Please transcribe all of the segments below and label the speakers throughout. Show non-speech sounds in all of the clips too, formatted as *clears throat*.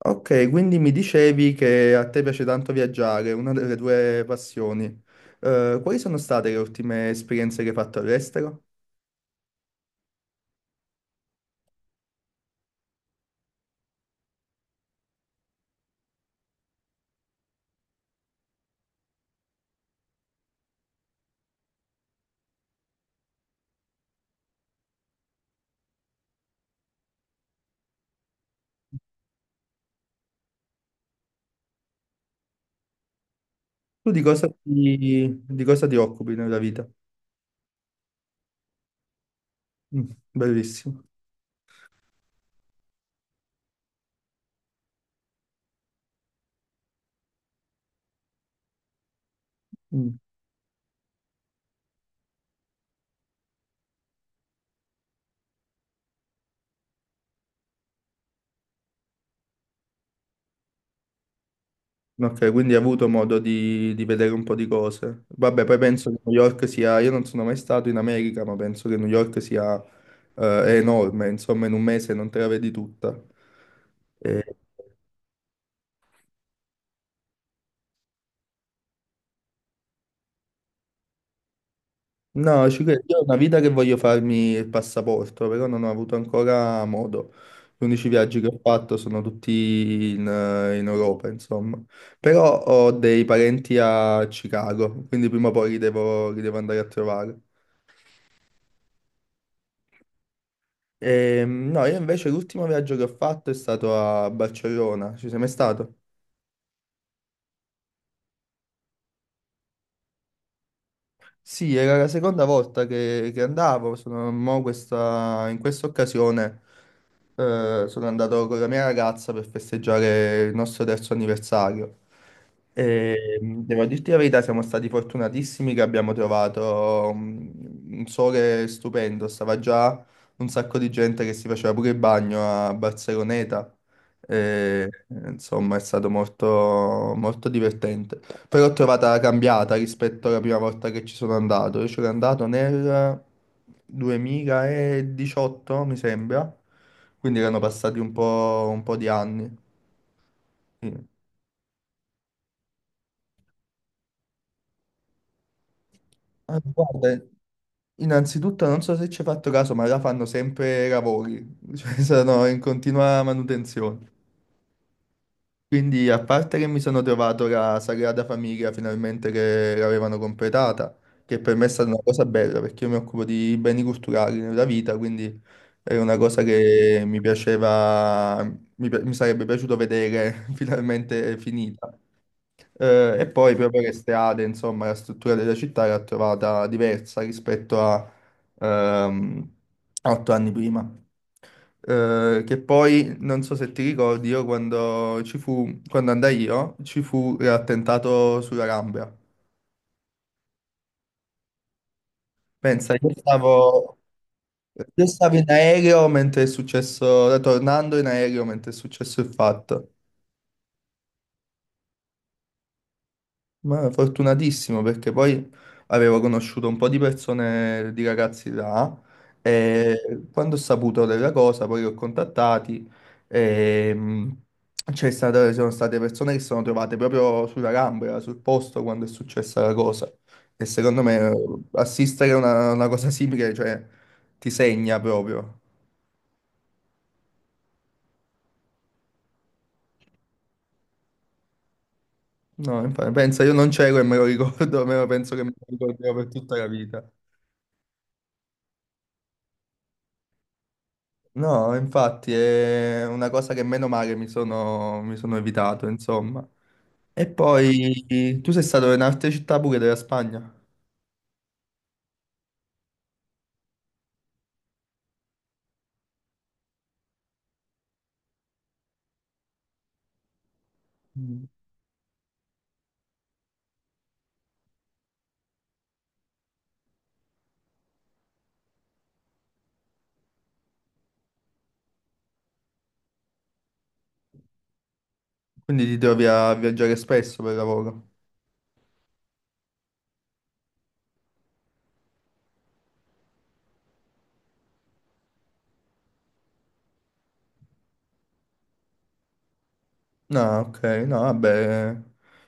Speaker 1: Ok, quindi mi dicevi che a te piace tanto viaggiare, una delle tue passioni. Quali sono state le ultime esperienze che hai fatto all'estero? Tu di cosa ti occupi nella vita? Mm, bellissimo. Mm. Ok, quindi hai avuto modo di vedere un po' di cose. Vabbè, poi penso che New York sia, io non sono mai stato in America, ma penso che New York sia, è enorme, insomma, in un mese non te la vedi tutta. No, ci credo. Io ho una vita che voglio farmi il passaporto, però non ho avuto ancora modo. Gli unici viaggi che ho fatto sono tutti in Europa, insomma. Però ho dei parenti a Chicago, quindi prima o poi li devo andare a trovare. No, io invece l'ultimo viaggio che ho fatto è stato a Barcellona. Ci sei mai stato? Sì, era la seconda volta che andavo, sono, in questa occasione sono andato con la mia ragazza per festeggiare il nostro terzo anniversario. E, devo dirti la verità, siamo stati fortunatissimi che abbiamo trovato un sole stupendo, stava già un sacco di gente che si faceva pure il bagno a Barceloneta, e, insomma è stato molto molto divertente. Però l'ho trovata cambiata rispetto alla prima volta che ci sono andato. Io ci sono andato nel 2018, mi sembra. Quindi erano passati un po' di anni. Sì. Ah, guarda, innanzitutto non so se ci hai fatto caso, ma là fanno sempre lavori, *laughs* cioè sono in continua manutenzione. Quindi, a parte che mi sono trovato la Sagrada Famiglia finalmente che l'avevano completata, che per me è stata una cosa bella perché io mi occupo di beni culturali nella vita, quindi era una cosa che mi piaceva, mi sarebbe piaciuto vedere *laughs* finalmente finita. E poi proprio le strade, insomma, la struttura della città l'ho trovata diversa rispetto ehm, a 8 anni prima. Che poi non so se ti ricordi, io quando ci fu, quando andai io, ci fu l'attentato sulla Gambia. Pensa, io stavo in aereo mentre è successo, tornando in aereo mentre è successo il fatto. Ma fortunatissimo perché poi avevo conosciuto un po' di persone, di ragazzi là e quando ho saputo della cosa poi li ho contattati e ci sono state persone che si sono trovate proprio sulla gamba, sul posto quando è successa la cosa e secondo me assistere a una cosa simile, cioè ti segna proprio. No, infatti, pensa, io non c'ero e me lo ricordo, *laughs* me lo penso che me lo ricorderò per tutta la vita. No, infatti è una cosa che meno male mi sono evitato, insomma. E poi tu sei stato in altre città pure della Spagna. Mm. Quindi ti trovi a viaggiare spesso per lavoro. No, ok, no, vabbè,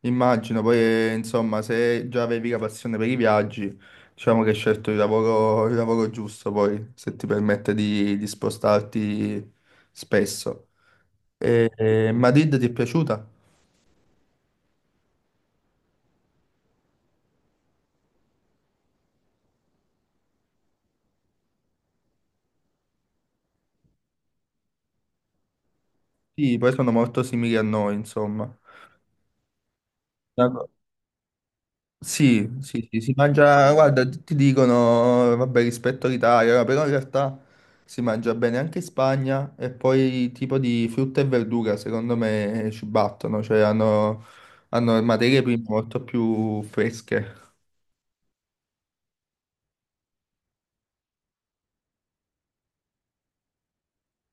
Speaker 1: immagino, poi insomma se già avevi la passione per i viaggi, diciamo che hai scelto il lavoro giusto poi, se ti permette di spostarti spesso. E Madrid ti è piaciuta? Sì, poi sono molto simili a noi, insomma. Una co- Sì, sì, sì, si mangia, guarda, tutti dicono, vabbè, rispetto all'Italia, no, però in realtà si mangia bene anche in Spagna e poi tipo di frutta e verdura, secondo me, ci battono, cioè hanno materie prime molto più fresche.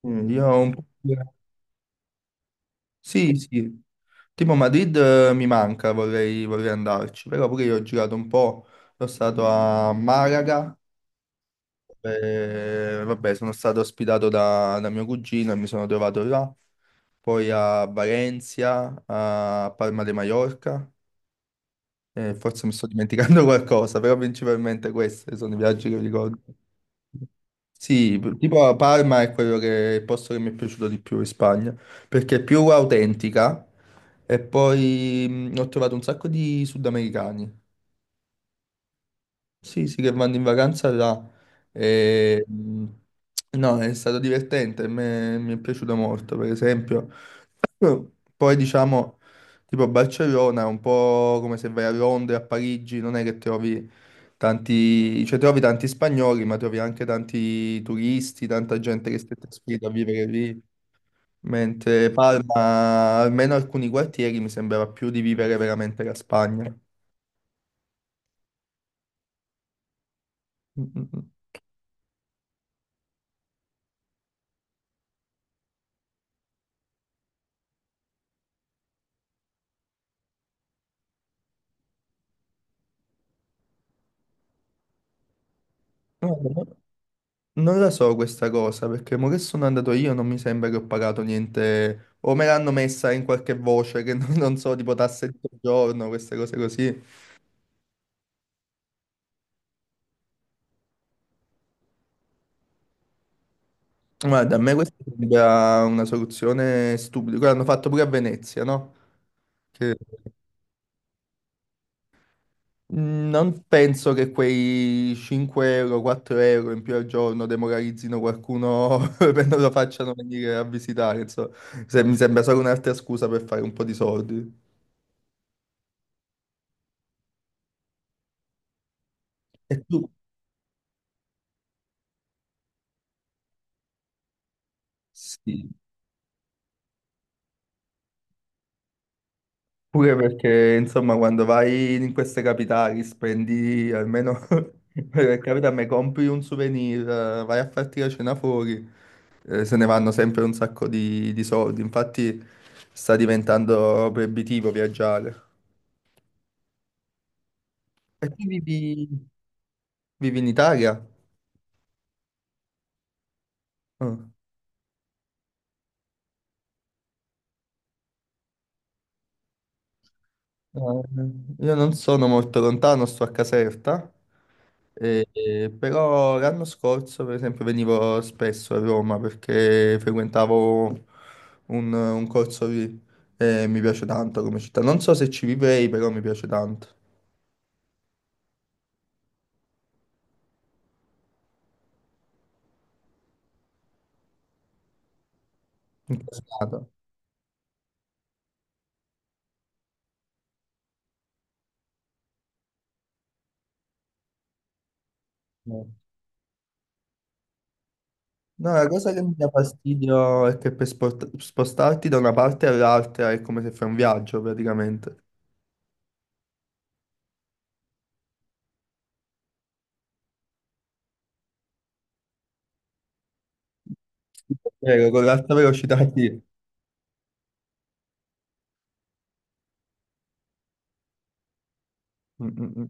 Speaker 1: Mm, io ho un po'. Sì, sì. Tipo Madrid mi manca, vorrei andarci, però pure io ho girato un po', sono stato a Malaga. Vabbè, sono stato ospitato da mio cugino e mi sono trovato là, poi a Valencia, a Palma de Mallorca, forse mi sto dimenticando *laughs* qualcosa, però principalmente questi sono i viaggi che ricordo. Sì, p- tipo a Parma è quello che, il posto che mi è piaciuto di più in Spagna, perché è più autentica e poi ho trovato un sacco di sudamericani, sì, sì, che vanno in vacanza là. E, no, è stato divertente, mi è piaciuto molto, per esempio. *clears throat* Poi diciamo, tipo Barcellona è un po' come se vai a Londra, a Parigi, non è che trovi tanti, cioè trovi tanti spagnoli, ma trovi anche tanti turisti, tanta gente che si è trasferita a vivere lì. Mentre Palma, almeno alcuni quartieri, mi sembrava più di vivere veramente la Spagna. Mm, mm, mm. Non la so questa cosa, perché mo che sono andato io non mi sembra che ho pagato niente, o me l'hanno messa in qualche voce che *laughs* non so, tipo tasse di soggiorno, queste cose così. Guarda, a me questa sembra una soluzione stupida, quello hanno fatto pure a Venezia, no? Che- Mm, non penso che quei 5 euro, 4 euro in più al giorno demoralizzino qualcuno *laughs* per non lo facciano venire a visitare, insomma. Mi sembra solo un'altra scusa per fare un po' di soldi. E tu? Sì. Pure perché, insomma, quando vai in queste capitali, spendi almeno, *laughs* per capita, me compri un souvenir, vai a farti la cena fuori, se ne vanno sempre un sacco di soldi. Infatti sta diventando proibitivo viaggiare. E tu vivi, vivi in Italia? Ah. No, io non sono molto lontano, sto a Caserta, però l'anno scorso, per esempio, venivo spesso a Roma perché frequentavo un corso lì e mi piace tanto come città. Non so se ci vivrei, però mi piace tanto. Incasinato. No, no, la cosa che mi dà fastidio è che per spostarti da una parte all'altra è come se fai un viaggio praticamente. Vero, con l'alta velocità sì. Mm, mm, mm.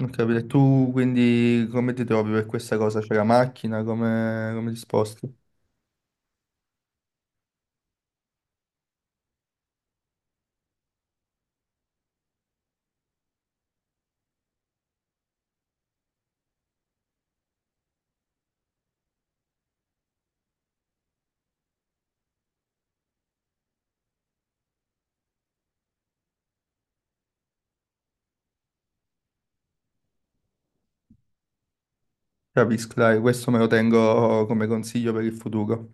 Speaker 1: Ho capito. E tu quindi come ti trovi per questa cosa? C'è la macchina? Come ti sposti? Capisco, dai, questo me lo tengo come consiglio per il futuro.